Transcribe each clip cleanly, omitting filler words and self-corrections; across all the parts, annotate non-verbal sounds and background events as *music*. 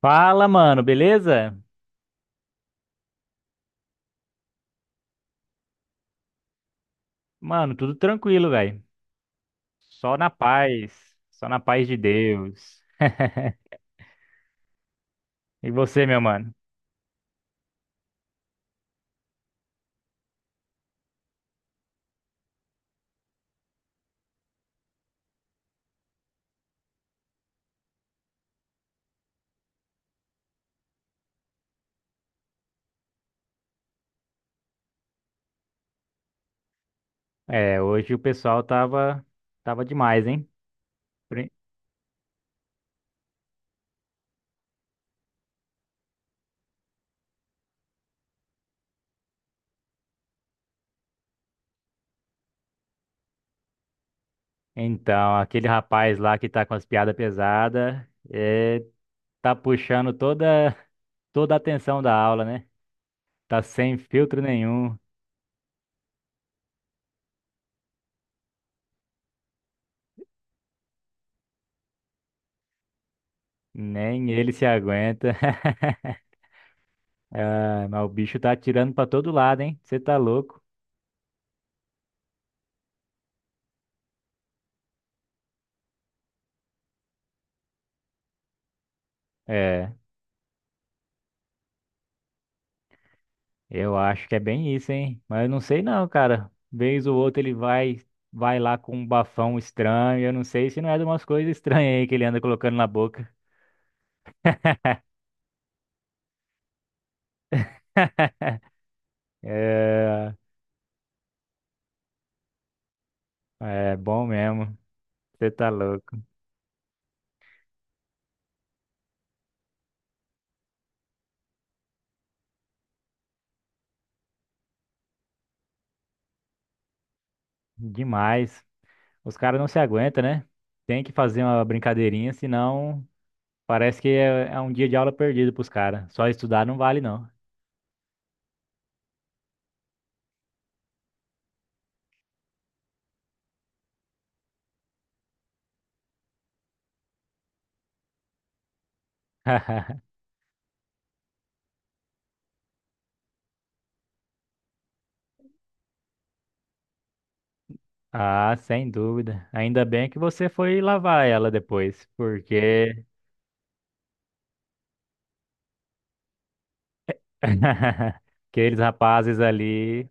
Fala, mano, beleza? Mano, tudo tranquilo, velho. Só na paz, só na paz de Deus. *laughs* E você, meu mano? É, hoje o pessoal tava demais, hein? Pri- Então, aquele rapaz lá que tá com as piadas pesadas, é, tá puxando toda a atenção da aula, né? Tá sem filtro nenhum, nem ele se aguenta. *laughs* Ah, mas o bicho tá atirando pra todo lado, hein? Você tá louco? É. Eu acho que é bem isso, hein? Mas eu não sei não, cara. Vez ou outra ele vai lá com um bafão estranho. Eu não sei se não é de umas coisas estranhas aí que ele anda colocando na boca. *laughs* É, é bom mesmo. Você tá louco. Demais. Os caras não se aguentam, né? Tem que fazer uma brincadeirinha, senão parece que é um dia de aula perdido pros caras. Só estudar não vale, não. *laughs* Ah, sem dúvida. Ainda bem que você foi lavar ela depois, porque *laughs* aqueles rapazes ali,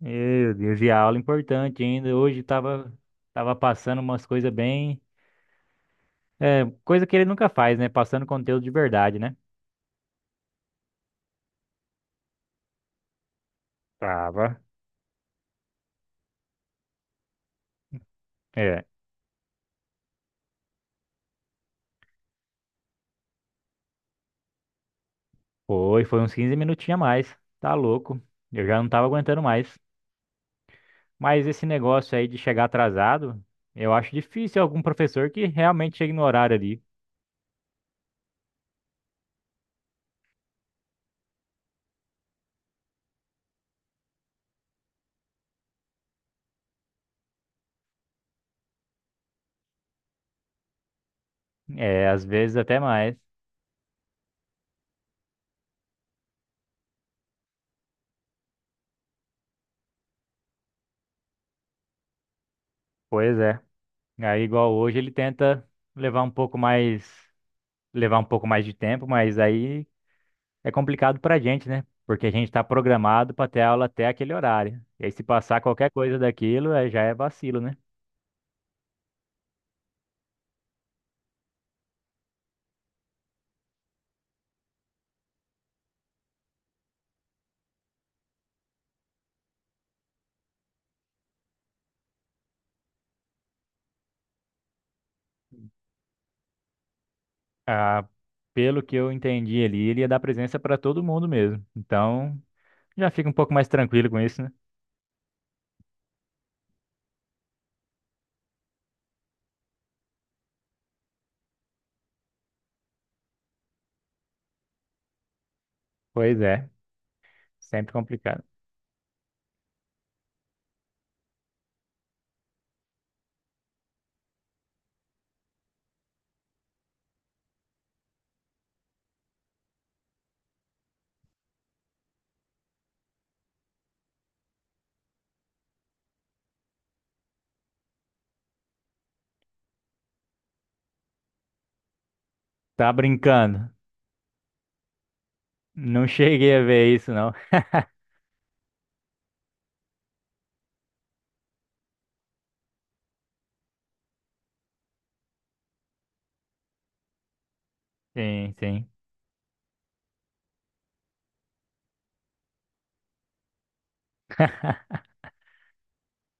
meu Deus, e a aula importante ainda. Hoje tava passando umas coisas bem. É, coisa que ele nunca faz, né? Passando conteúdo de verdade, né? Tava. É, foi uns 15 minutinhos a mais. Tá louco. Eu já não tava aguentando mais. Mas esse negócio aí de chegar atrasado, eu acho difícil algum professor que realmente chegue no horário ali. É, às vezes até mais. Pois é. Aí, igual hoje, ele tenta levar um pouco mais. levar um pouco mais de tempo, mas aí é complicado pra gente, né? Porque a gente tá programado pra ter aula até aquele horário. E aí se passar qualquer coisa daquilo, é, já é vacilo, né? Ah, pelo que eu entendi ali, ele ia dar presença pra todo mundo mesmo. Então, já fica um pouco mais tranquilo com isso, né? Pois é, sempre complicado. Tá brincando? Não cheguei a ver isso, não. Sim, sim.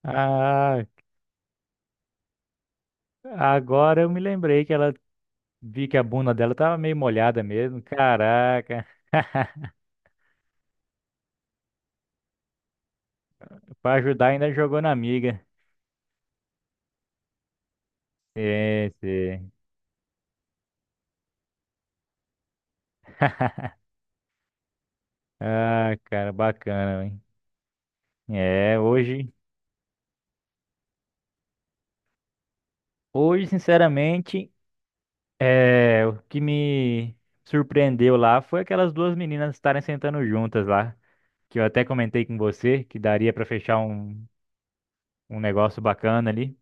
Ah, agora eu me lembrei que ela vi que a bunda dela tava meio molhada mesmo. Caraca. Pra ajudar, ainda jogou na amiga. Sim, sim. *laughs* Ah, cara, bacana, hein? É, hoje, sinceramente, é, o que me surpreendeu lá foi aquelas duas meninas estarem sentando juntas lá, que eu até comentei com você que daria pra fechar um negócio bacana ali.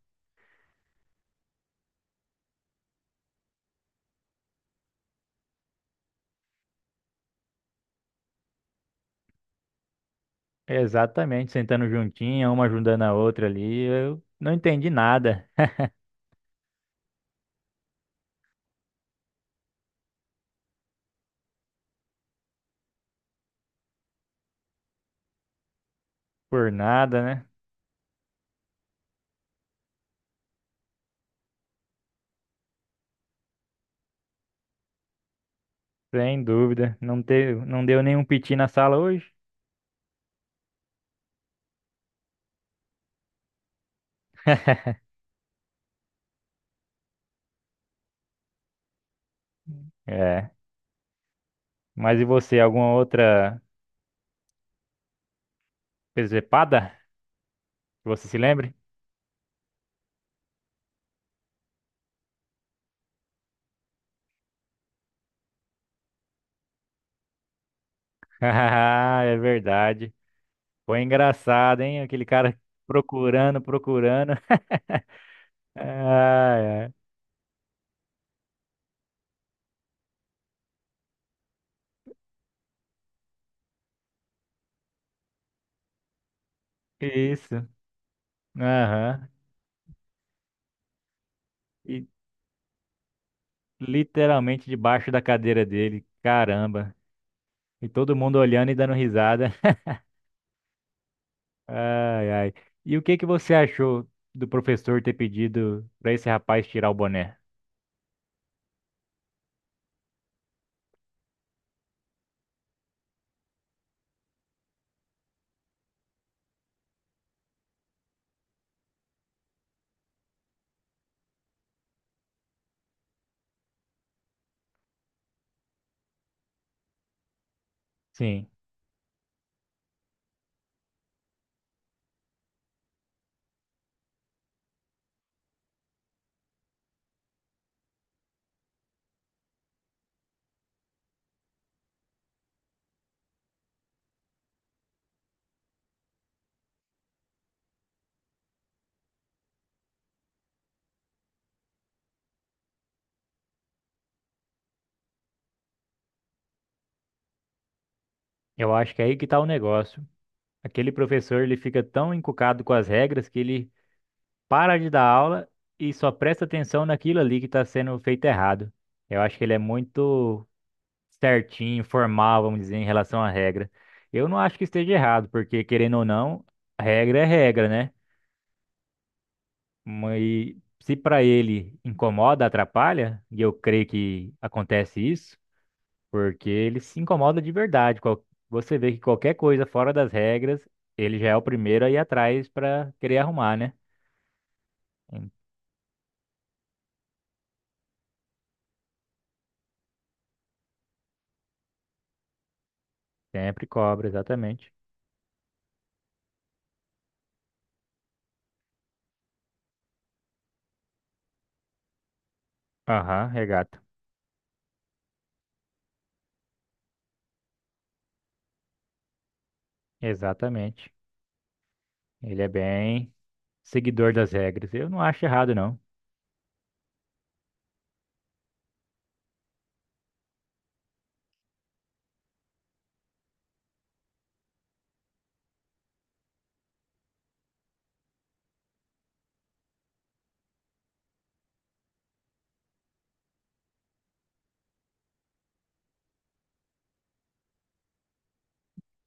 Exatamente, sentando juntinha, uma ajudando a outra ali. Eu não entendi nada, por nada, né? Sem dúvida. Não teve, não deu nenhum piti na sala hoje. *laughs* É. Mas e você, alguma outra presepada que você se lembre? *laughs* Ah, é verdade. Foi engraçado, hein? Aquele cara procurando, procurando. *laughs* Ah, é. Isso. Aham. E literalmente debaixo da cadeira dele. Caramba. E todo mundo olhando e dando risada. *laughs* Ai, ai. E o que que você achou do professor ter pedido para esse rapaz tirar o boné? Sim, eu acho que é aí que tá o negócio. Aquele professor, ele fica tão encucado com as regras que ele para de dar aula e só presta atenção naquilo ali que está sendo feito errado. Eu acho que ele é muito certinho, formal, vamos dizer, em relação à regra. Eu não acho que esteja errado, porque querendo ou não, regra é regra, né? Mas se para ele incomoda, atrapalha, e eu creio que acontece isso, porque ele se incomoda de verdade. Qual- Você vê que qualquer coisa fora das regras, ele já é o primeiro a ir atrás para querer arrumar, né? Sempre cobra, exatamente. Aham, regata. Exatamente. Ele é bem seguidor das regras. Eu não acho errado, não.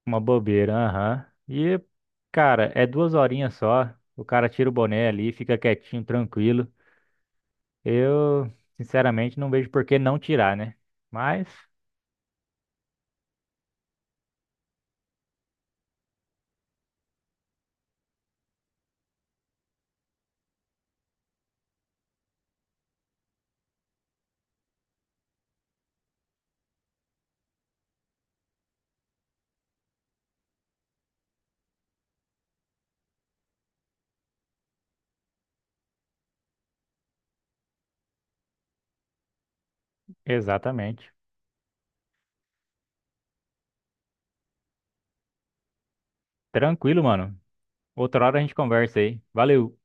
Uma bobeira, aham. E, cara, é 2 horinhas só. O cara tira o boné ali, fica quietinho, tranquilo. Eu, sinceramente, não vejo por que não tirar, né? Mas, exatamente. Tranquilo, mano. Outra hora a gente conversa aí. Valeu.